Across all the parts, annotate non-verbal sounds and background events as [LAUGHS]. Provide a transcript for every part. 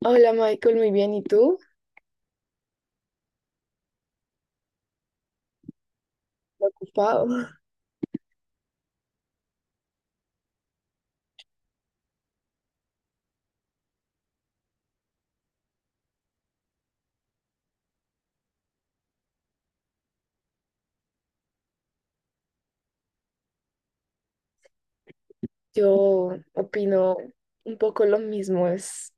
Hola Michael, muy bien. ¿Y tú? Ocupado. Yo opino un poco lo mismo, es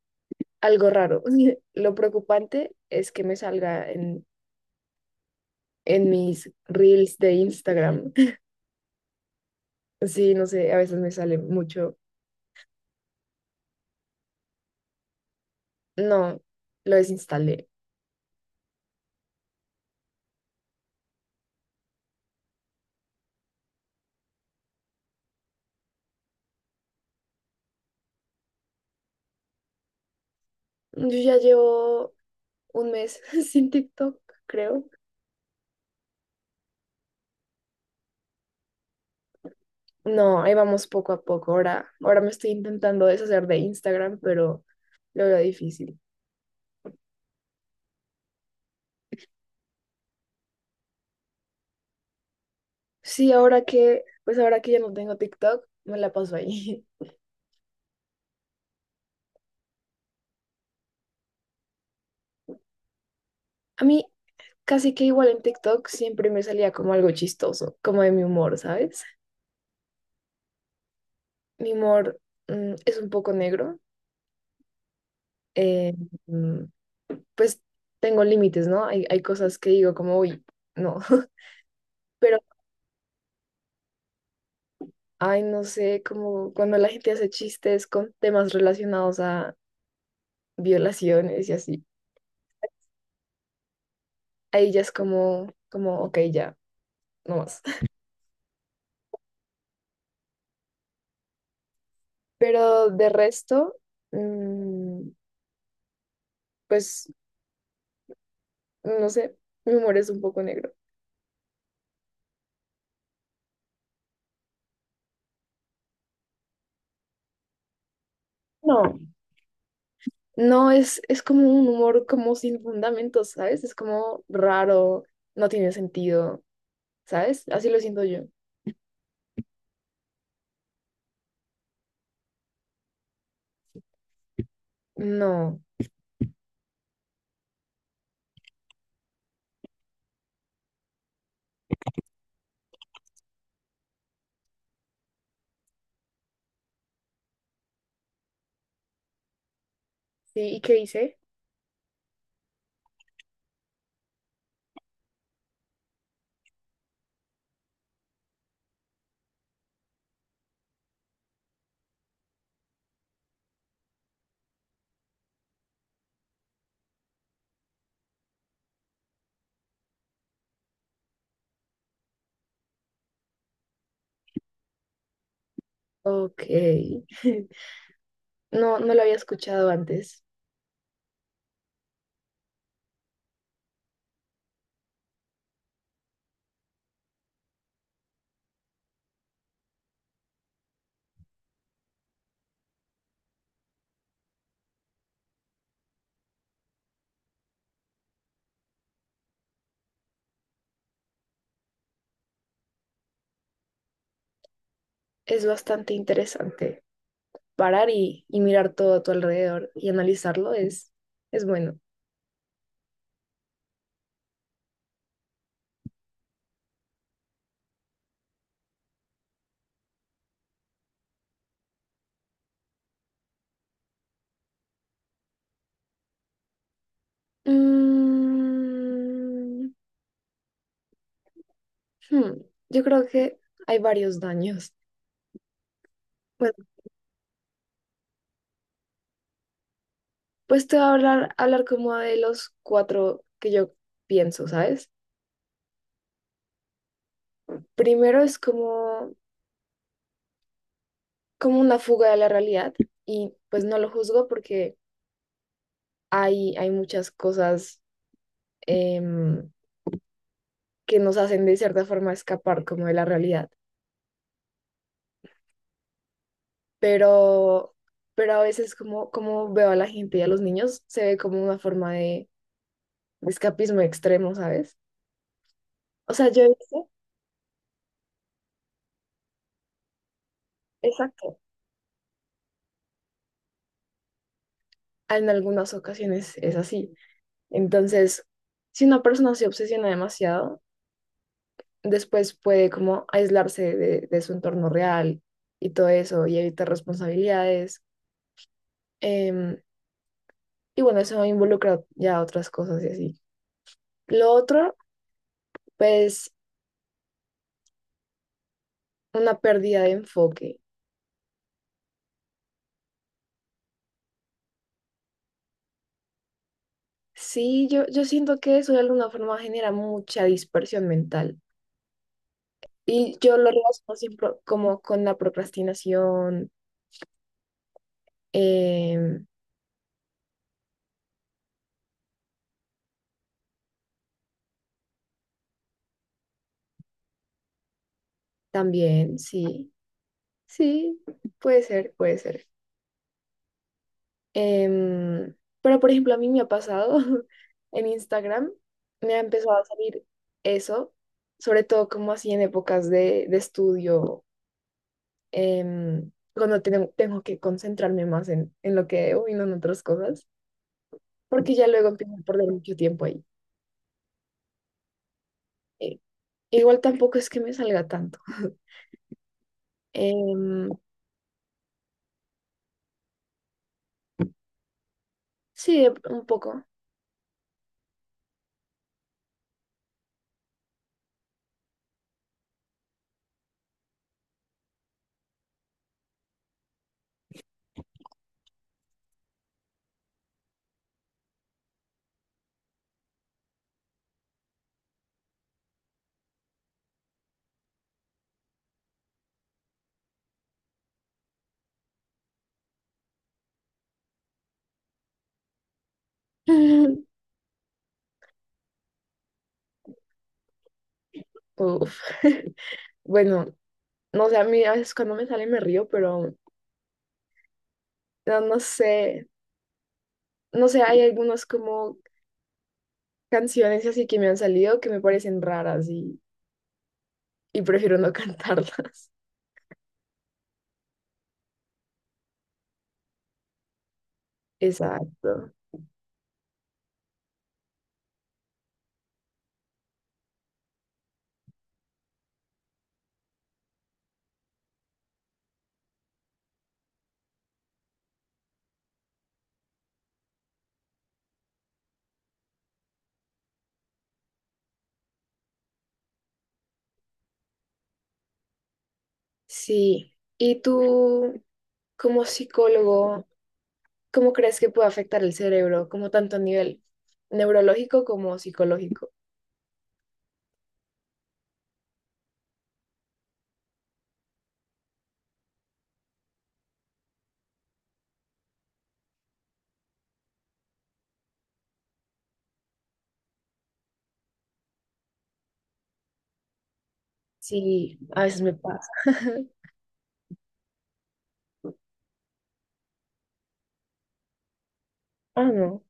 algo raro. [LAUGHS] Lo preocupante es que me salga en mis reels de Instagram. [LAUGHS] Sí, no sé, a veces me sale mucho. No, lo desinstalé. Yo ya llevo un mes [LAUGHS] sin TikTok, creo. No, ahí vamos poco a poco. Ahora me estoy intentando deshacer de Instagram, pero lo veo difícil. Sí, ahora que, pues ahora que ya no tengo TikTok, me la paso ahí. [LAUGHS] A mí casi que igual en TikTok siempre me salía como algo chistoso, como de mi humor, ¿sabes? Mi humor es un poco negro. eh, mm, pues tengo límites, ¿no? Hay cosas que digo como, uy, no. [LAUGHS] Pero, ay, no sé, como cuando la gente hace chistes con temas relacionados a violaciones y así. Ahí ya es como, como, ok, ya, no más. [LAUGHS] Pero de resto... mm, pues, no sé, mi humor es un poco negro. No. No, es como un humor como sin fundamentos, ¿sabes? Es como raro, no tiene sentido, ¿sabes? Así lo siento yo. No. Sí, ¿y qué hice? Ok. [LAUGHS] No, no lo había escuchado antes. Es bastante interesante. Parar y mirar todo a tu alrededor y analizarlo es bueno. Mm, hmm, yo creo que hay varios daños. Bueno, pues te voy a hablar como de los cuatro que yo pienso, ¿sabes? Primero es como, como una fuga de la realidad y pues no lo juzgo porque hay muchas cosas em, que nos hacen de cierta forma escapar como de la realidad, pero, pero a veces como, como veo a la gente y a los niños se ve como una forma de escapismo extremo, ¿sabes? O sea, yo he visto, exacto, en algunas ocasiones es así. Entonces, si una persona se obsesiona demasiado, después puede como aislarse de su entorno real y todo eso y evitar responsabilidades. em, y bueno, eso involucra ya otras cosas y así. Lo otro, pues, una pérdida de enfoque. Sí, yo siento que eso de alguna forma genera mucha dispersión mental. Y yo lo relaciono siempre como con la procrastinación, em, también, sí, sí, puede ser, puede ser. Em, pero, por ejemplo, a mí me ha pasado [LAUGHS] en Instagram, me ha empezado a salir eso, sobre todo como así en épocas de estudio, cuando tengo que concentrarme más en lo que debo y no en otras cosas, porque ya luego empiezo a perder mucho tiempo ahí. Eh, Igual tampoco es que me salga tanto. Em, sí, un poco. [LAUGHS] Uf. [LAUGHS] Bueno, no sé, a mí a veces cuando me sale me río, pero no, no sé. No sé, hay algunas como canciones así que me han salido que me parecen raras y prefiero no [LAUGHS] cantarlas. Exacto. Sí. ¿Y tú, como psicólogo, cómo crees que puede afectar el cerebro, como tanto a nivel neurológico como psicológico? Sí, a veces me pasa. Ah, no,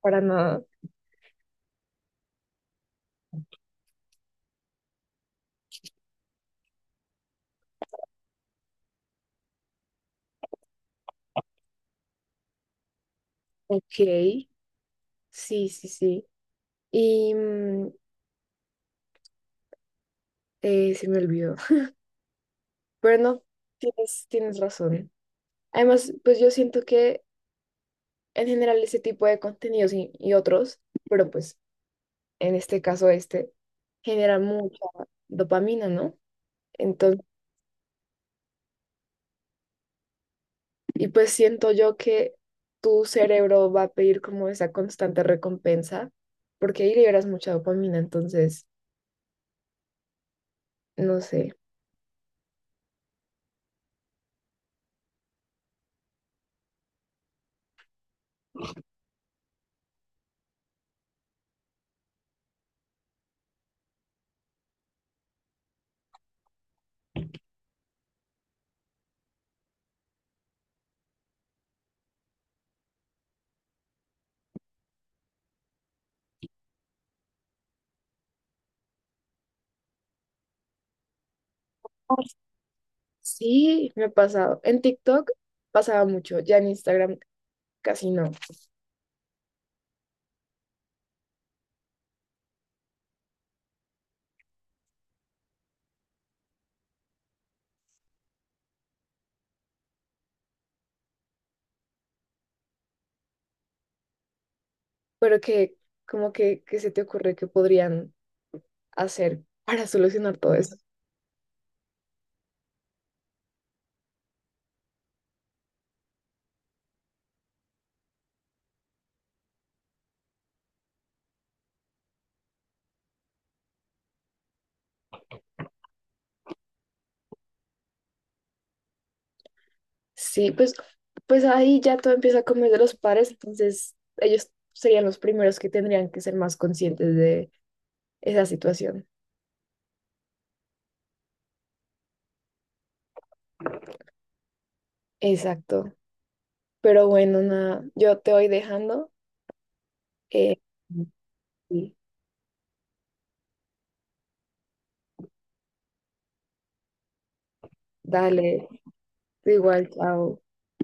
para nada. Ok, sí, sí, sí. Y se me olvidó. [LAUGHS] Pero no, tienes razón. Además, pues yo siento que en general ese tipo de contenidos y otros, pero pues en este caso este, genera mucha dopamina, ¿no? Entonces, y pues siento yo que tu cerebro va a pedir como esa constante recompensa, porque ahí liberas mucha dopamina, entonces, no sé. Sí, me ha pasado. En TikTok pasaba mucho, ya en Instagram casi no, pero que como que, qué se te ocurre que podrían hacer para solucionar todo eso. Sí, pues, pues ahí ya todo empieza a comer de los pares, entonces ellos serían los primeros que tendrían que ser más conscientes de esa situación. Exacto. Pero bueno, nada, yo te voy dejando. Eh, y dale, igual, chao.